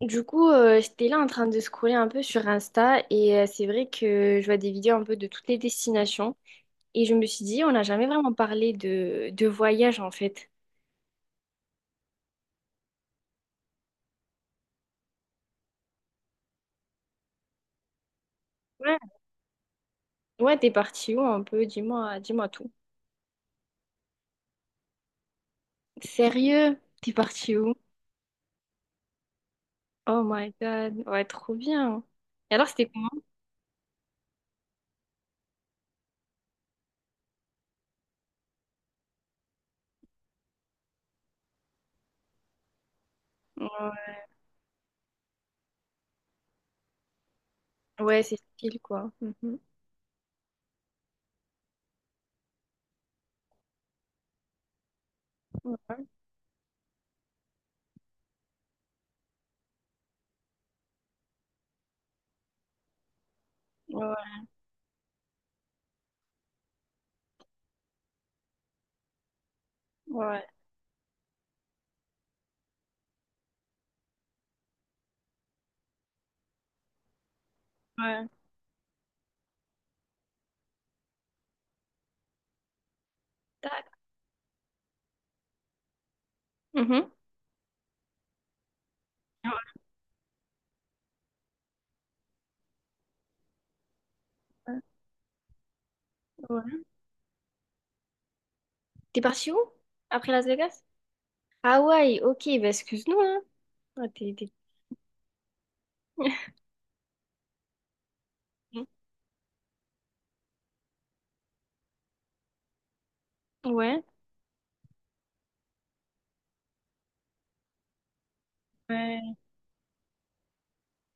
Du coup, j'étais là en train de scroller un peu sur Insta et c'est vrai que je vois des vidéos un peu de toutes les destinations et je me suis dit, on n'a jamais vraiment parlé de voyage en fait. Ouais. Ouais, t'es parti où un peu? Dis-moi, dis-moi tout. Sérieux? T'es parti où? Oh my god, ouais, trop bien. Et alors, c'était comment? Ouais, ouais, c'est style quoi. Mhm. Ouais, ouais, ouais, ouais. Tac. Mhm. Ouais. Ouais. T'es parti où? Après Las Vegas? Hawaï, ok, bah excuse-nous, hein. Ah, t'es, Ouais. Ouais,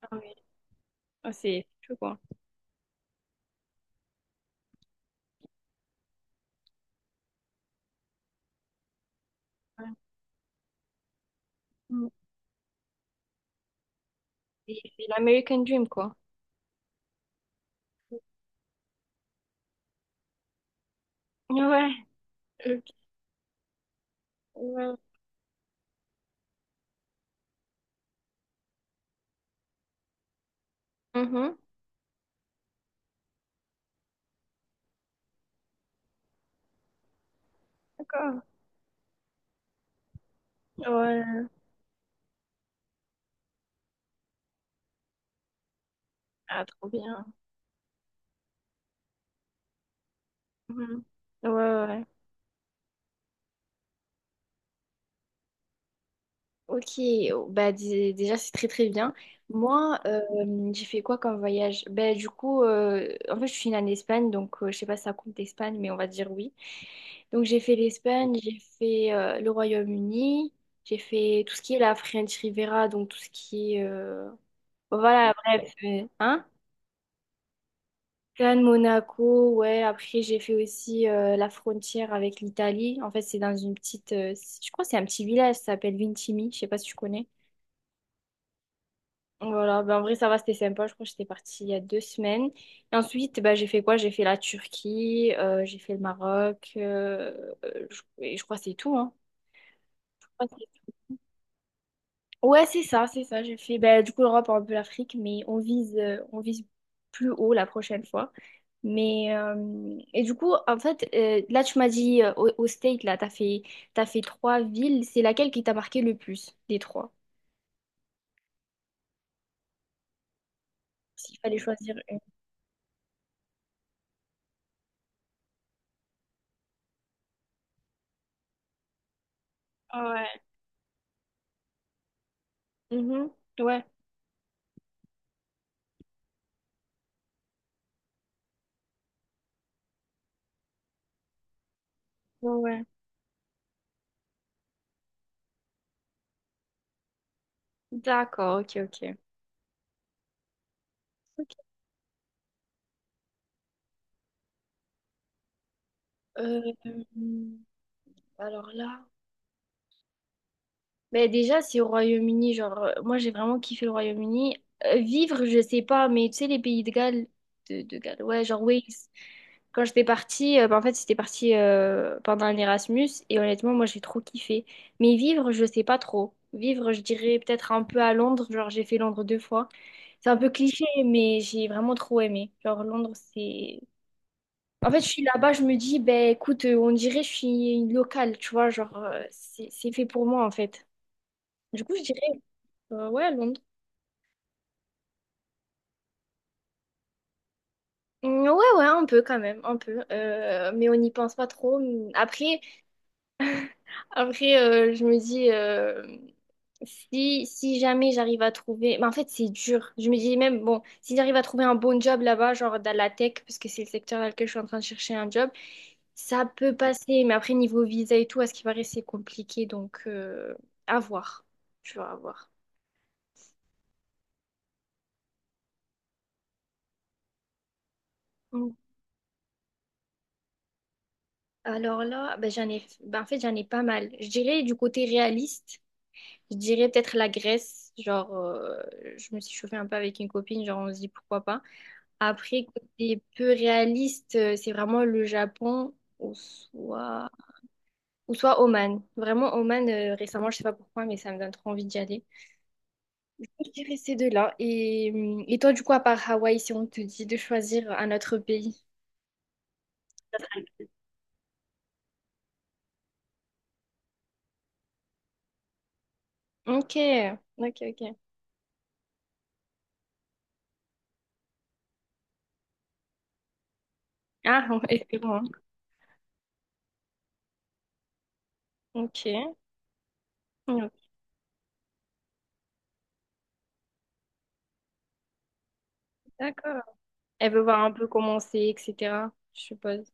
Ah oui. Ah, c'est fou, quoi. Ouais. Mm. C'est l'American Dream, quoi. Ouais, ok, ouais, Mhm. D'accord. Ouais, Ah, trop bien. Mhm. Ouais, ouais, ouais. Ok, oh, bah déjà c'est très très bien. Moi, j'ai fait quoi comme voyage? Bah du coup, en fait je suis née en Espagne, donc je sais pas si ça compte l'Espagne, mais on va dire oui. Donc j'ai fait l'Espagne, j'ai fait le Royaume-Uni, j'ai fait tout ce qui est la French Riviera, donc tout ce qui est... bon, voilà, bref. Hein? Cannes, Monaco, ouais. Après j'ai fait aussi la frontière avec l'Italie. En fait c'est dans une petite... je crois que c'est un petit village, ça s'appelle Vintimille, je sais pas si tu connais. Voilà, ben en vrai ça va, c'était sympa. Je crois que j'étais partie il y a deux semaines. Et ensuite, ben, j'ai fait quoi? J'ai fait la Turquie, j'ai fait le Maroc, et je crois que c'est tout, hein. Ouais, c'est ça, c'est ça. J'ai fait bah, du coup l'Europe, un peu l'Afrique, mais on vise plus haut la prochaine fois. Mais et du coup, en fait, là tu m'as dit au State, là, t'as fait trois villes. C'est laquelle qui t'a marqué le plus des trois? S'il fallait choisir une. Ouais. Mhm. Ouais, ouais, ouais. D'accord, ok, ok. Ok. Euh, alors là. Ben déjà, c'est au Royaume-Uni. Genre, moi, j'ai vraiment kiffé le Royaume-Uni. Vivre, je sais pas, mais tu sais, les pays de Galles, de Galles, ouais, genre Wales. Quand j'étais partie, ben en fait, c'était parti pendant un Erasmus et honnêtement, moi, j'ai trop kiffé. Mais vivre, je sais pas trop. Vivre, je dirais peut-être un peu à Londres. Genre, j'ai fait Londres deux fois. C'est un peu cliché, mais j'ai vraiment trop aimé. Genre, Londres, c'est. En fait, je suis là-bas, je me dis, ben écoute, on dirait que je suis une locale, tu vois, genre, c'est fait pour moi, en fait. Du coup, je dirais ouais, à Londres. Mm, ouais, ouais, un peu quand même, un peu. Mais on n'y pense pas trop. Mm, après, je me dis, si, si jamais j'arrive à trouver... Mais en fait, c'est dur. Je me dis même, bon, si j'arrive à trouver un bon job là-bas, genre dans la tech, parce que c'est le secteur dans lequel je suis en train de chercher un job, ça peut passer. Mais après, niveau visa et tout, à ce qui paraît, c'est compliqué. Donc, à voir. Tu vas voir. Mm. Alors là, ben, j'en ai, ben, en fait, j'en ai pas mal. Je dirais du côté réaliste. Je dirais peut-être la Grèce, genre je me suis chauffée un peu avec une copine, genre on se dit pourquoi pas. Après, côté peu réaliste, c'est vraiment le Japon ou soit Oman. Vraiment Oman, récemment, je sais pas pourquoi, mais ça me donne trop envie d'y aller. Je dirais ces deux-là. Et toi, du coup, à part Hawaï, si on te dit de choisir un autre pays? Ok, ok, ok. Ah, ouais, bon. Hein. Ok, ok, d'accord. Elle veut voir un peu comment c'est, etc., je suppose.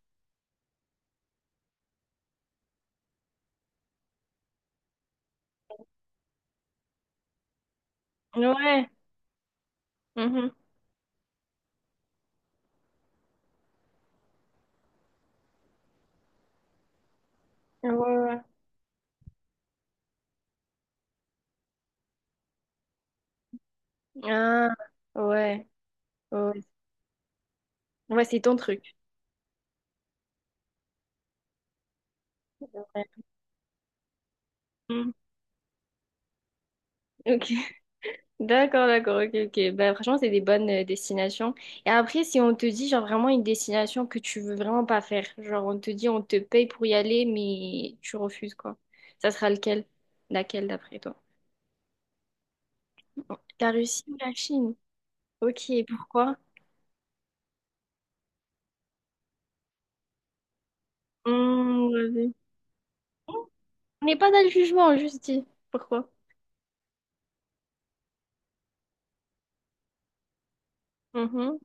Ouais, Mhm. Ouais, ouais. Ah, ouais, ouais. Ouais, c'est ton truc. Ouais. Mhm. Ok, d'accord, d'accord, ok, ok. Bah, franchement, c'est des bonnes destinations. Et après, si on te dit, genre, vraiment une destination que tu veux vraiment pas faire, genre, on te dit, on te paye pour y aller, mais tu refuses, quoi. Ça sera lequel? Laquelle, d'après toi? La Russie ou la Chine? Ok, pourquoi? Vas-y. On n'est pas dans le jugement, juste dit. Pourquoi? Mhm.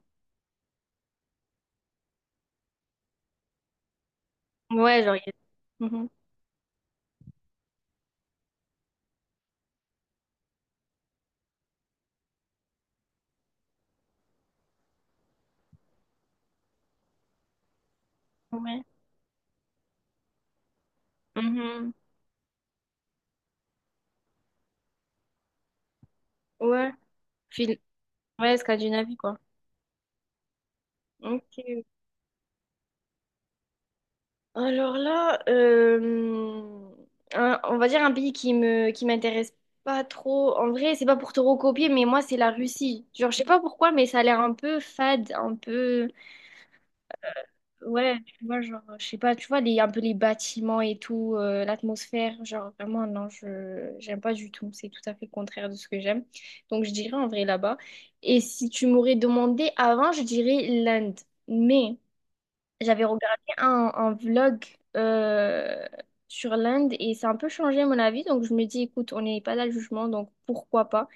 Ouais, genre, Mhm. Ouais. Mhm. Ouais, Fin- ouais, Scandinavie, quoi. Ok. Alors là, on va dire un pays qui m'intéresse pas trop. En vrai, c'est pas pour te recopier, mais moi, c'est la Russie. Genre, je sais pas pourquoi, mais ça a l'air un peu fade, un peu... Ouais, tu vois, genre, je sais pas, tu vois, les, un peu les bâtiments et tout, l'atmosphère, genre, vraiment, non, je j'aime pas du tout. C'est tout à fait le contraire de ce que j'aime. Donc, je dirais en vrai là-bas. Et si tu m'aurais demandé avant, je dirais l'Inde. Mais... J'avais regardé un vlog euh, sur l'Inde et ça a un peu changé mon avis. Donc je me dis, écoute, on n'est pas là le jugement, donc pourquoi pas?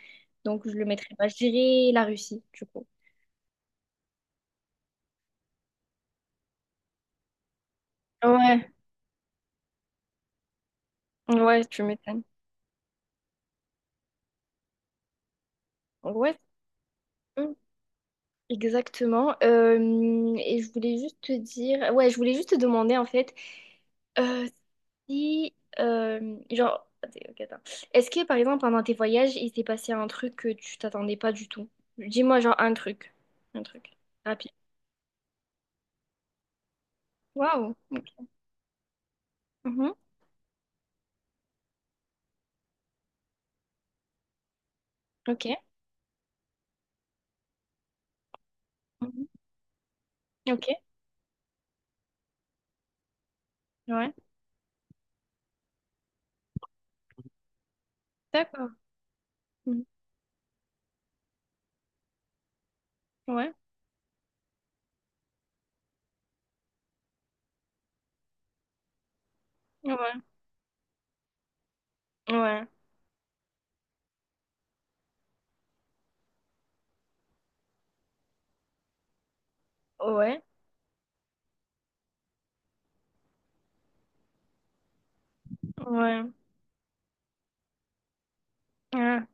Donc je le mettrai pas. Je dirais la Russie, du coup. Ouais, ouais, tu m'étonnes. Ouais. Exactement. Et je voulais juste te dire, ouais, je voulais juste te demander en fait, euh, si, genre, attends, ok, attends. Est-ce que par exemple pendant tes voyages, il s'est passé un truc que tu t'attendais pas du tout? Dis-moi genre un truc rapide. Waouh. Ok. Mhm. Ok. Mhm. Ok. Ouais. D'accord. Mhm. Ouais. Ouais. Ouais. Ouais. Ouais. Ah,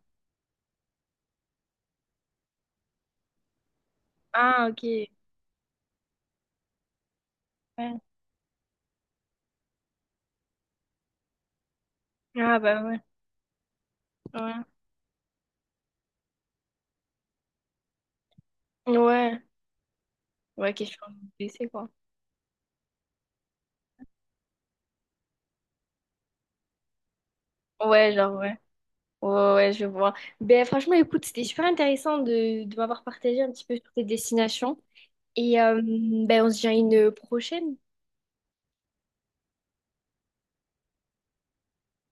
Ah, ok. Ouais. Ah bah ouais. Ouais. Ouais. Ouais, question blessée, quoi. Ouais, genre, ouais. Ouais, ouais, ouais, je vois. Ben, franchement, écoute, c'était super intéressant de m'avoir partagé un petit peu sur tes destinations. Et ben, on se dit à une prochaine.